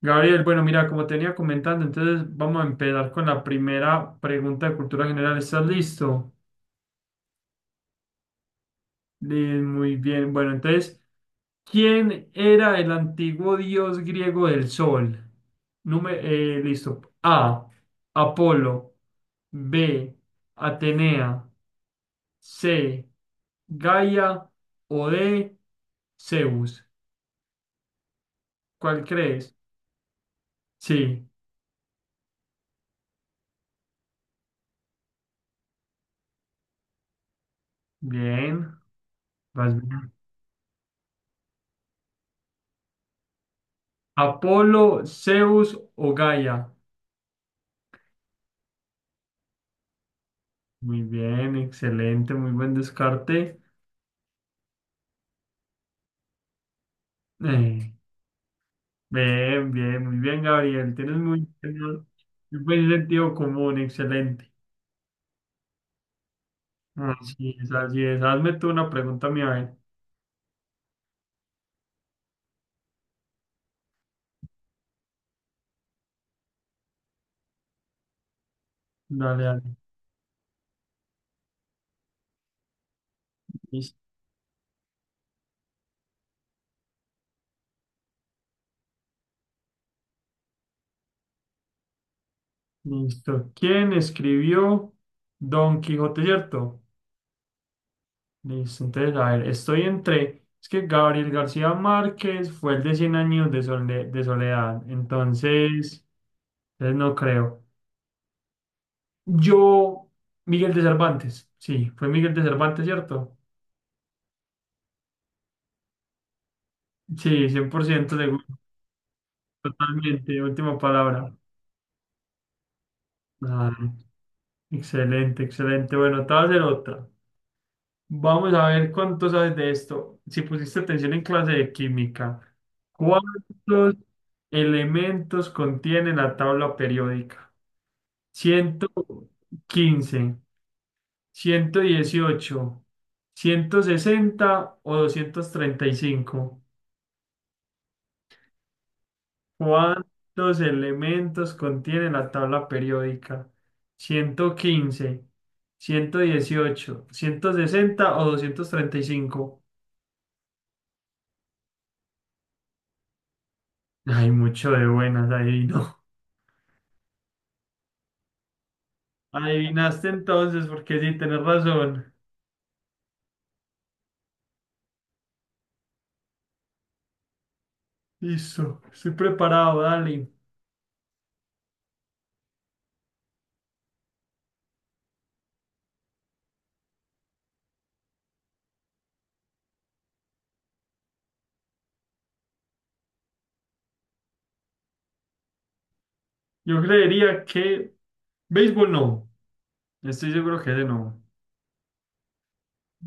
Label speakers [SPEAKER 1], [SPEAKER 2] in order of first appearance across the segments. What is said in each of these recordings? [SPEAKER 1] Gabriel, bueno, mira, como tenía comentando, entonces vamos a empezar con la primera pregunta de cultura general. ¿Estás listo? Muy bien. Bueno, entonces, ¿quién era el antiguo dios griego del sol? Número, listo. A. Apolo. B. Atenea. C. Gaia. O D. Zeus. ¿Cuál crees? Sí. Bien. Vas bien. Apolo, Zeus o Gaia. Muy bien, excelente, muy buen descarte. Eh, Bien, bien, muy bien, Gabriel. Tienes muy, muy buen sentido común, excelente. Así es, así es. Hazme tú una pregunta mía, a ver. Dale, dale. Lis- Listo. ¿Quién escribió Don Quijote, cierto? Listo, entonces, a ver, estoy entre. Es que Gabriel García Márquez fue el de 100 años de soledad. Entonces no creo. Yo, Miguel de Cervantes, sí, fue Miguel de Cervantes, ¿cierto? Sí, 100% seguro, totalmente, última palabra. Ah, excelente, excelente. Bueno, te voy a hacer otra. Vamos a ver cuánto sabes de esto. Si pusiste atención en clase de química, ¿cuántos elementos contiene la tabla periódica? Ciento quince, ciento dieciocho, ciento sesenta o doscientos treinta y cinco. ¿Cuántos elementos contiene la tabla periódica? Ciento quince, ciento dieciocho, ciento sesenta o 235. Hay mucho de buenas, adivino. Adivinaste entonces, porque sí, tenés razón. Listo, estoy preparado, dale. Yo creería que... Béisbol no, estoy seguro que ese no.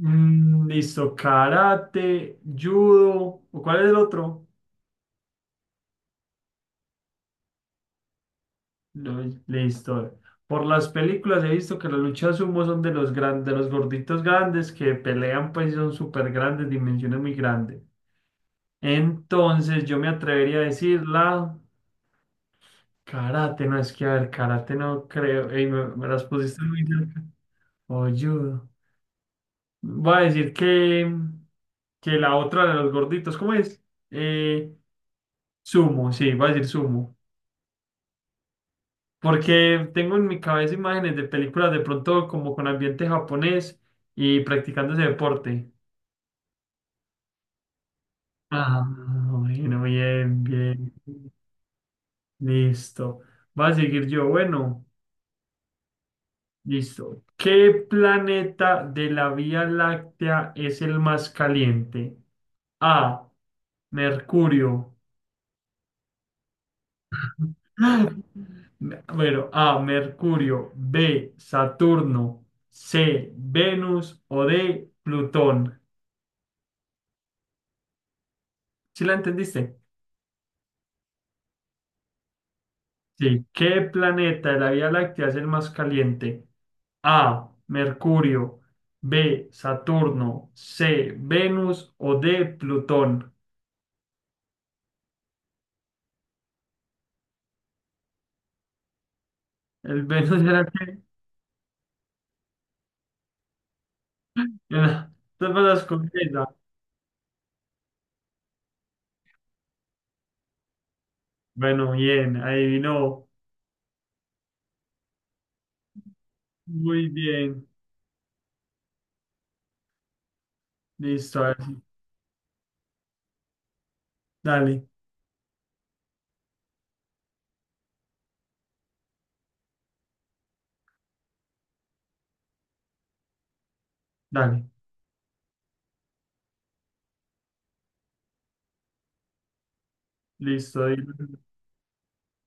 [SPEAKER 1] Listo, karate, judo, ¿o cuál es el otro? No, listo. Por las películas he visto que las luchas sumo son de los gorditos grandes que pelean, pues y son súper grandes, dimensiones muy grandes. Entonces yo me atrevería a decir la karate, no es que a ver, karate no creo. Ey, me las pusiste muy cerca. O judo. Voy a decir que la otra de los gorditos, ¿cómo es? Eh, Sumo, sí, voy a decir sumo. Porque tengo en mi cabeza imágenes de películas de pronto como con ambiente japonés y practicando ese deporte. Ah, bueno, bien, bien. Listo. Va a seguir yo. Bueno, listo. ¿Qué planeta de la Vía Láctea es el más caliente? A. Mercurio. Bueno, A. Mercurio. B. Saturno. C. Venus o D. Plutón. ¿Sí la entendiste? Sí. ¿Qué planeta de la Vía Láctea es el más caliente? A. Mercurio. B. Saturno. C. Venus. O D. Plutón. El Venus era el que era- Te pasas con esa. Bueno, bien, adivinó. Muy bien. Listo, a ver. Si, dale, dale. Listo, dilo.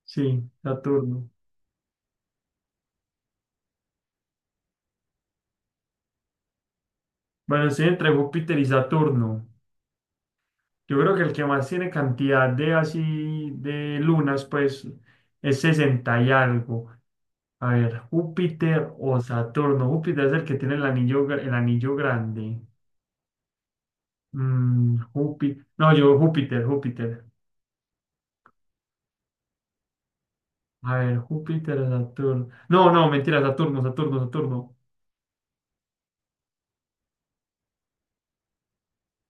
[SPEAKER 1] Sí, Saturno. Bueno, estoy entre Júpiter y Saturno. Yo creo que el que más tiene cantidad de así de lunas, pues es 60 y algo. A ver, Júpiter o Saturno. Júpiter es el que tiene el anillo grande. Júpiter. No, yo Júpiter, Júpiter. A ver, Júpiter o Saturno. No, no, mentira, Saturno, Saturno, Saturno.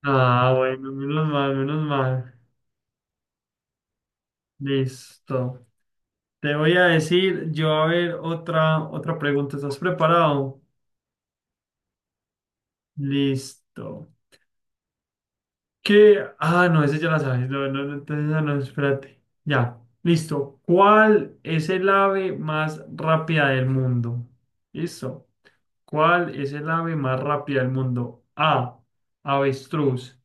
[SPEAKER 1] Ah, bueno, menos mal, menos mal. Listo. Te voy a decir, yo a ver, otra pregunta. ¿Estás preparado? Listo. ¿Qué? Ah, no, ese ya la sabes. No, no, no, entonces, no, no, espérate. Ya, listo. ¿Cuál es el ave más rápida del mundo? Listo. ¿Cuál es el ave más rápida del mundo? A. Avestruz.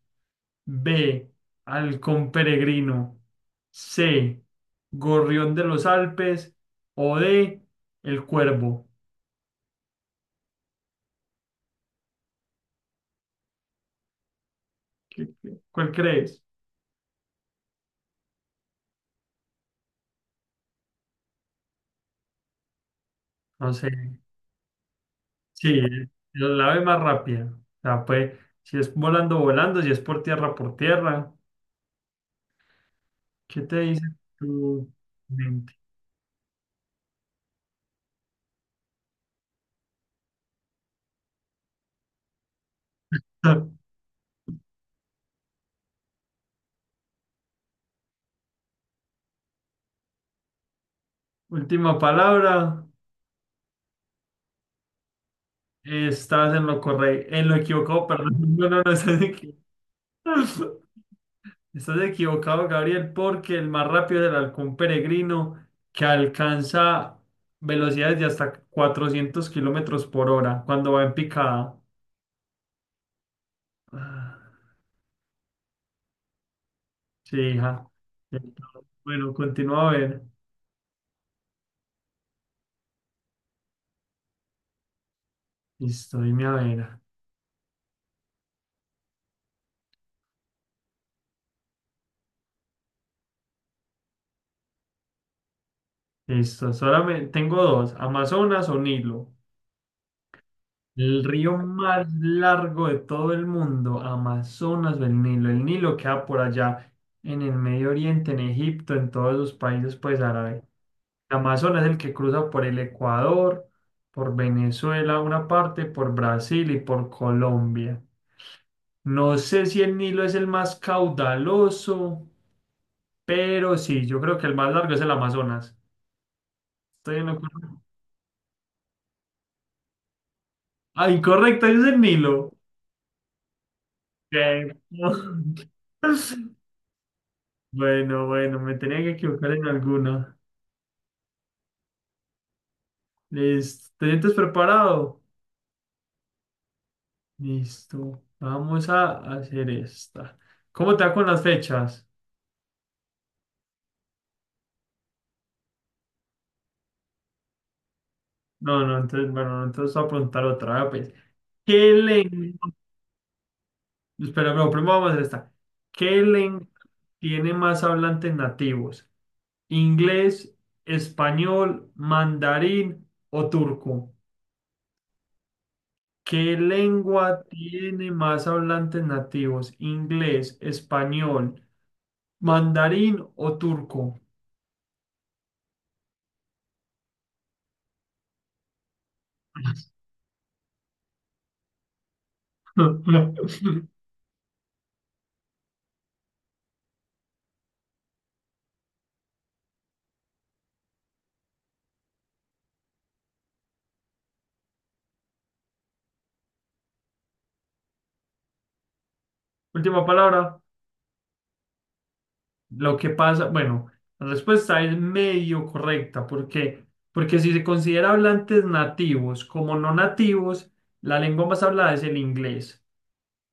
[SPEAKER 1] B. Halcón peregrino. C. Gorrión de los Alpes. O D. El cuervo. ¿Cuál crees? No sé. Sí, el ave más rápida. O sea, pues, si es volando, volando, si es por tierra, por tierra. ¿Qué te dice tu mente? Última palabra. Estás en lo correcto, en lo equivocado, perdón. No, no, no, estás equivocado, Gabriel, porque el más rápido es el halcón peregrino que alcanza velocidades de hasta 400 kilómetros por hora cuando va en picada. Ah. Sí, hija. Entonces, bueno, continúa a ver. Listo, dime a ver. Listo, solamente tengo dos, Amazonas o Nilo. El río más largo de todo el mundo, Amazonas o el Nilo. El Nilo queda por allá, en el Medio Oriente, en Egipto, en todos los países pues árabes. El Amazonas es el que cruza por el Ecuador, por Venezuela una parte, por Brasil y por Colombia. No sé si el Nilo es el más caudaloso. Pero sí, yo creo que el más largo es el Amazonas. Estoy en lo correcto. Ah, incorrecto, es el Nilo. Ok. Bueno, bueno, me tenía que equivocar en alguna. Listo. ¿Te sientes preparado? Listo. Vamos a hacer esta. ¿Cómo te va con las fechas? No, no, entonces, bueno, entonces voy a preguntar otra vez, pues. ¿Qué lengua? Espera, no, primero vamos a hacer esta. ¿Qué lengua tiene más hablantes nativos? Inglés, español, mandarín o turco. ¿Qué lengua tiene más hablantes nativos? Inglés, español, mandarín o turco. Última palabra. Lo que pasa, bueno, la respuesta es medio correcta. ¿Por qué? Porque si se considera hablantes nativos como no nativos, la lengua más hablada es el inglés.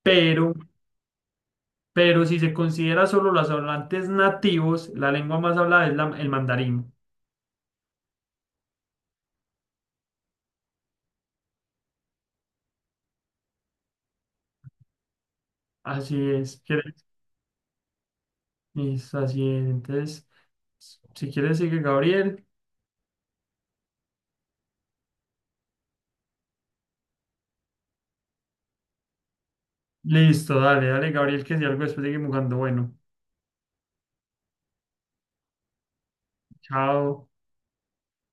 [SPEAKER 1] Pero Pero si se considera solo los hablantes nativos, la lengua más hablada es el mandarín. Así es, ¿quieres? Listo, así es. Entonces, si quieres, sigue Gabriel. Listo, dale, dale, Gabriel, que si algo después seguimos jugando. Bueno, chao.